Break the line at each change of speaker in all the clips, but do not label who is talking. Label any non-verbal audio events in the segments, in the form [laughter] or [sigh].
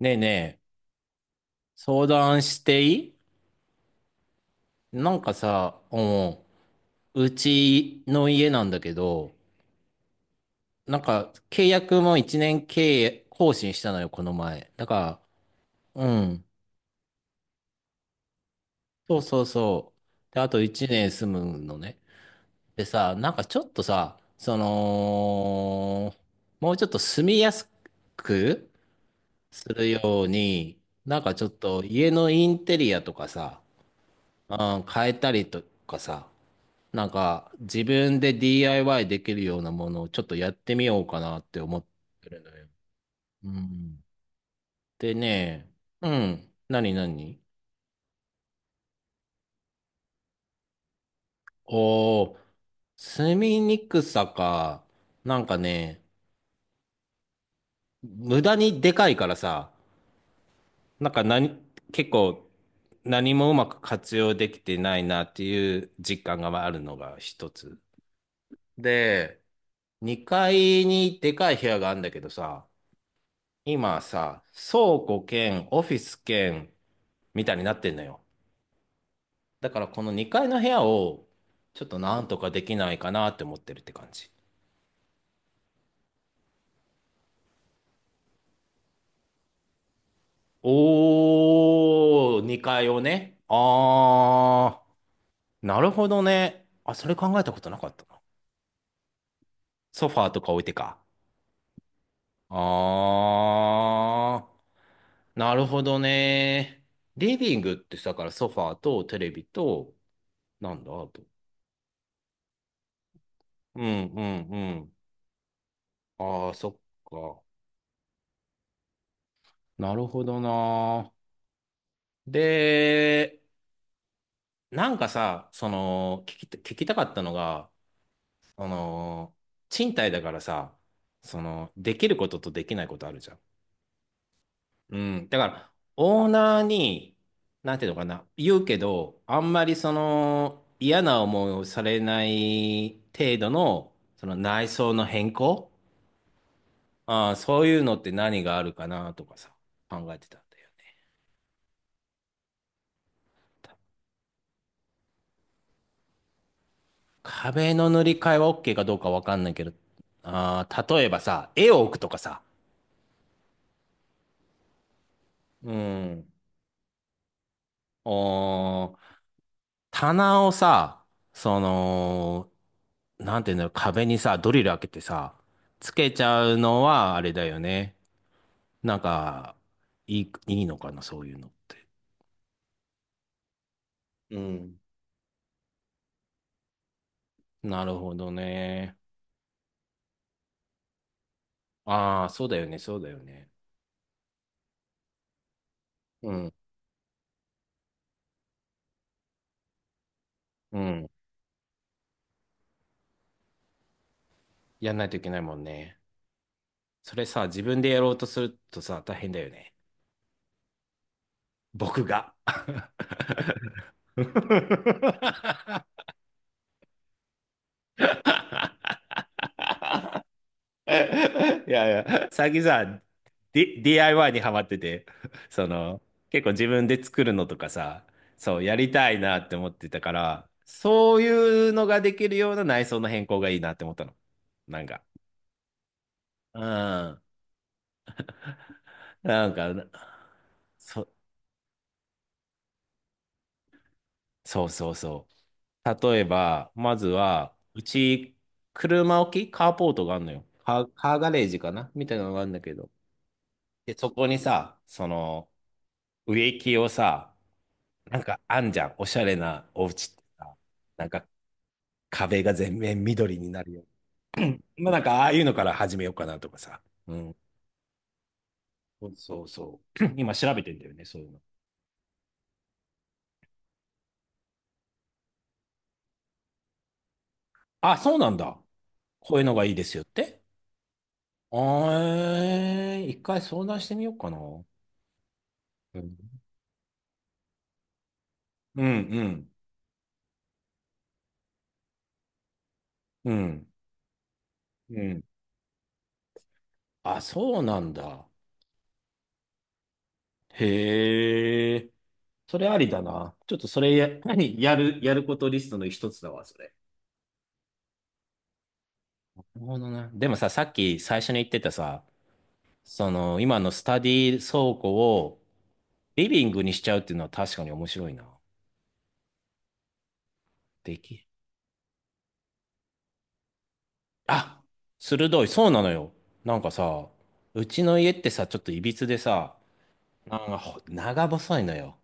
ねえねえ、相談していい？なんかさ、うん、うちの家なんだけど、なんか契約も1年契約更新したのよ、この前。だから、うん、そうそうそう。で、あと1年住むのね。でさ、なんかちょっとさ、その、もうちょっと住みやすくするように、なんかちょっと家のインテリアとかさ、うん、変えたりとかさ、なんか、自分で DIY できるようなものをちょっとやってみようかなって思ってるのよ。うん。でね、うん。何何、おおー、住みにくさか。なんかね、無駄にでかいからさ、なんか何、結構、何もうまく活用できてないなっていう実感があるのが一つ。で、2階にでかい部屋があるんだけどさ、今さ、倉庫兼オフィス兼みたいになってんのよ。だからこの2階の部屋をちょっとなんとかできないかなって思ってるって感じ。おー、2階をね。あー、なるほどね。あ、それ考えたことなかったな。ソファーとか置いてか。あー、なるほどね。リビングってさ、だからソファーとテレビと、なんだ、あと。うんうんうん。あー、そっか。なるほどな。で、なんかさ、その、聞きたかったのが、その、賃貸だからさ、その、できることとできないことあるじゃん。うん。だから、オーナーに、なんていうのかな、言うけど、あんまりその、嫌な思いをされない程度の、その内装の変更、ああ、そういうのって何があるかなとかさ、考えてたんだよね。壁の塗り替えは OK かどうかわかんないけど、あー、例えばさ、絵を置くとかさ、うん。おー、棚をさ、その、なんていうんだろう、壁にさ、ドリル開けてさ、つけちゃうのはあれだよね。なんか、いいのかな、そういうのって。うん。なるほどね。ああ、そうだよね、そうだよね。うん、うん。やんないといけないもんね。それさ、自分でやろうとするとさ、大変だよね。僕が。[laughs] いやいや、最近さ、DIY にハマってて、その、結構自分で作るのとかさ、そう、やりたいなって思ってたから、そういうのができるような内装の変更がいいなって思ったの。なんか。うん。なんか、そ、そうそうそう。例えば、まずは、うち、車置きカーポートがあるのよ。カーガレージかなみたいなのがあるんだけど。で、そこにさ、その、植木をさ、なんかあんじゃん。おしゃれなお家ってさ、なんか壁が全面緑になるように。[clears throat] まあなんかああいうのから始めようかなとかさ。うん。そうそうそう。[clears throat] 今調べてんだよね、そういうの。あ、そうなんだ。こういうのがいいですよって。あー、一回相談してみようかな。うん、うん、うん、うん。あ、そうなんだ。へえ。それありだな。ちょっとそれや、何やる、やることリストの一つだわ、それ。なるほどね。でもさ、さっき最初に言ってたさ、その、今のスタディ倉庫をリビングにしちゃうっていうのは確かに面白いな。でき、あ、鋭い、そうなのよ。なんかさ、うちの家ってさ、ちょっといびつでさ、なんか長細いのよ。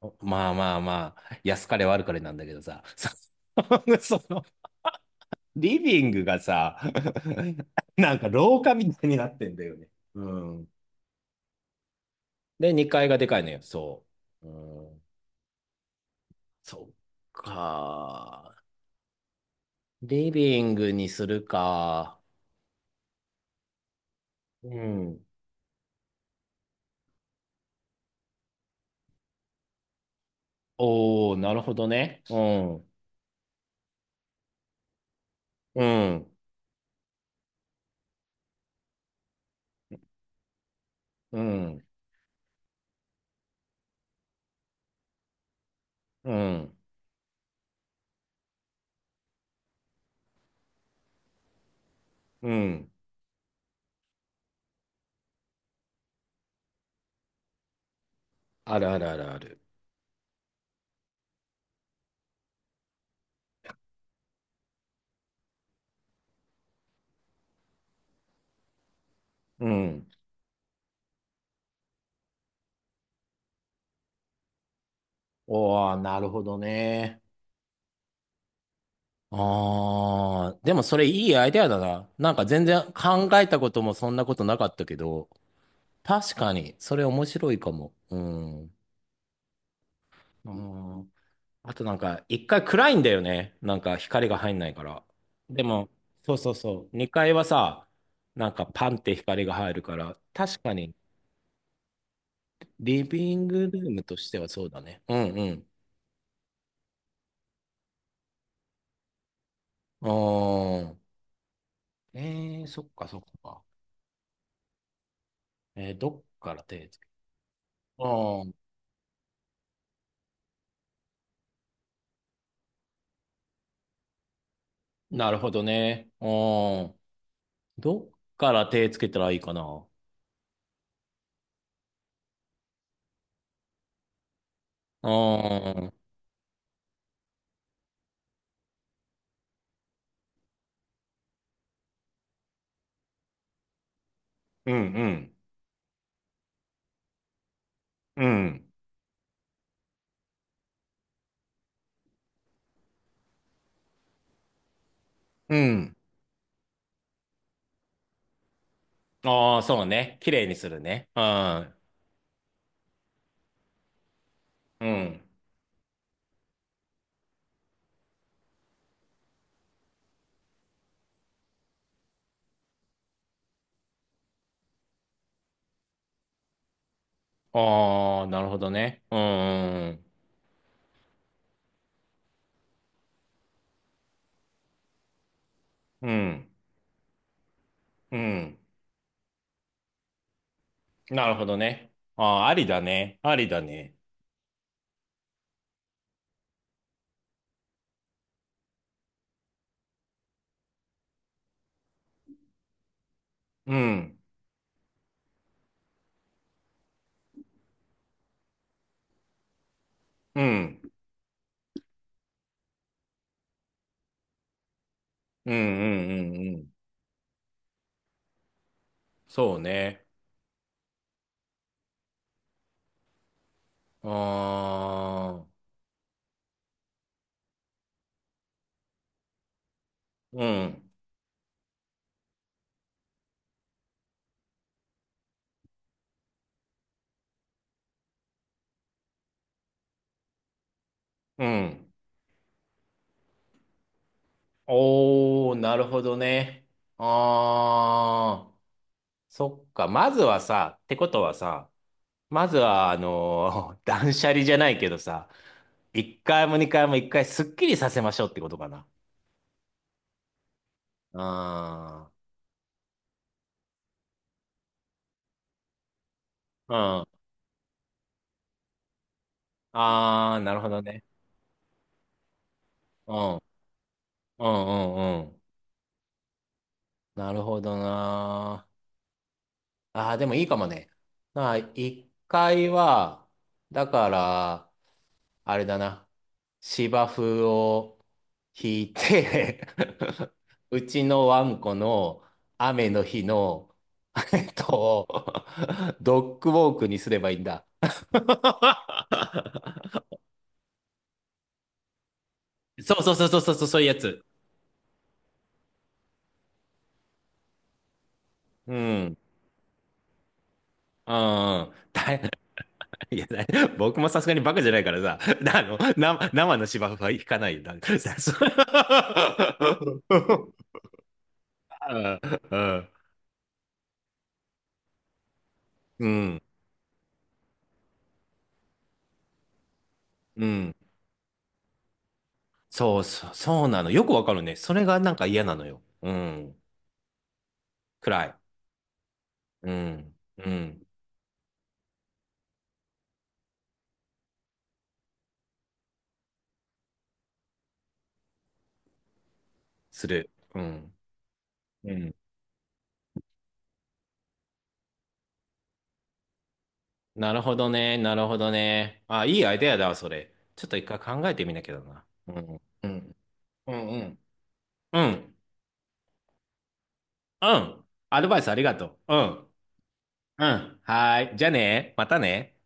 お、まあまあまあ、安かれ悪かれなんだけどさ、[laughs] その、リビングがさ、[laughs] なんか廊下みたいになってんだよね。うん。で、2階がでかいのよ、そう。うん、そっか。リビングにするか。うん。おー、なるほどね。うん。うん。うん。うん。うん。あるあるあるある。うん。おー、なるほどね。あー、でもそれいいアイデアだな。なんか全然考えたこともそんなことなかったけど、確かに、それ面白いかも。うん。うん。あとなんか、一回暗いんだよね。なんか光が入んないから。でも、そうそうそう。二階はさ、なんかパンって光が入るから、確かにリビングルームとしてはそうだね。うんうん。うーん。えー、そっかそっか。えー、どっから手つけ、あー、なるほどね。あー、どっから手つけたらいいかな。うーん。うんうん。うん。うん。ああ、そうね。綺麗にするね。うん。うん。ああ、なるほどね。うん、うん、うん。ん、なるほどね。ああ、ありだね。ありだね。うん、うん、うん、うん、うん。うん、そうね。ああ、うん、うん。おー、なるほどね。ああ、そっか。まずはさ、ってことはさ、まずは、[laughs] 断捨離じゃないけどさ、一回も二回も一回すっきりさせましょうってことかな。ああ。うん。ああ、なるほどね。うん。うんうんうん。なるほどな。ああ、でもいいかもね。まあ、一回は、だから、あれだな。芝生を引いて [laughs] うちのワンコの雨の日の、えっと、ドッグウォークにすればいいんだ。[laughs] そうそうそうそうそう、そういうやつ。うん。うんうん。いや、僕もさすがにバカじゃないからさ、[laughs] 生の芝生は引かないよ。そう。 [laughs] うん、うん。うん、そうそう、そうなの。よくわかるね。それがなんか嫌なのよ。うん。暗い。うん。うん。する。うん。うん。なるほどね。なるほどね。あ、いいアイデアだわ、それ。ちょっと一回考えてみなきゃだな。うん。うん。うん。うん。うん。うん、アドバイスありがとう。うん。うん。はーい。じゃあね。またね。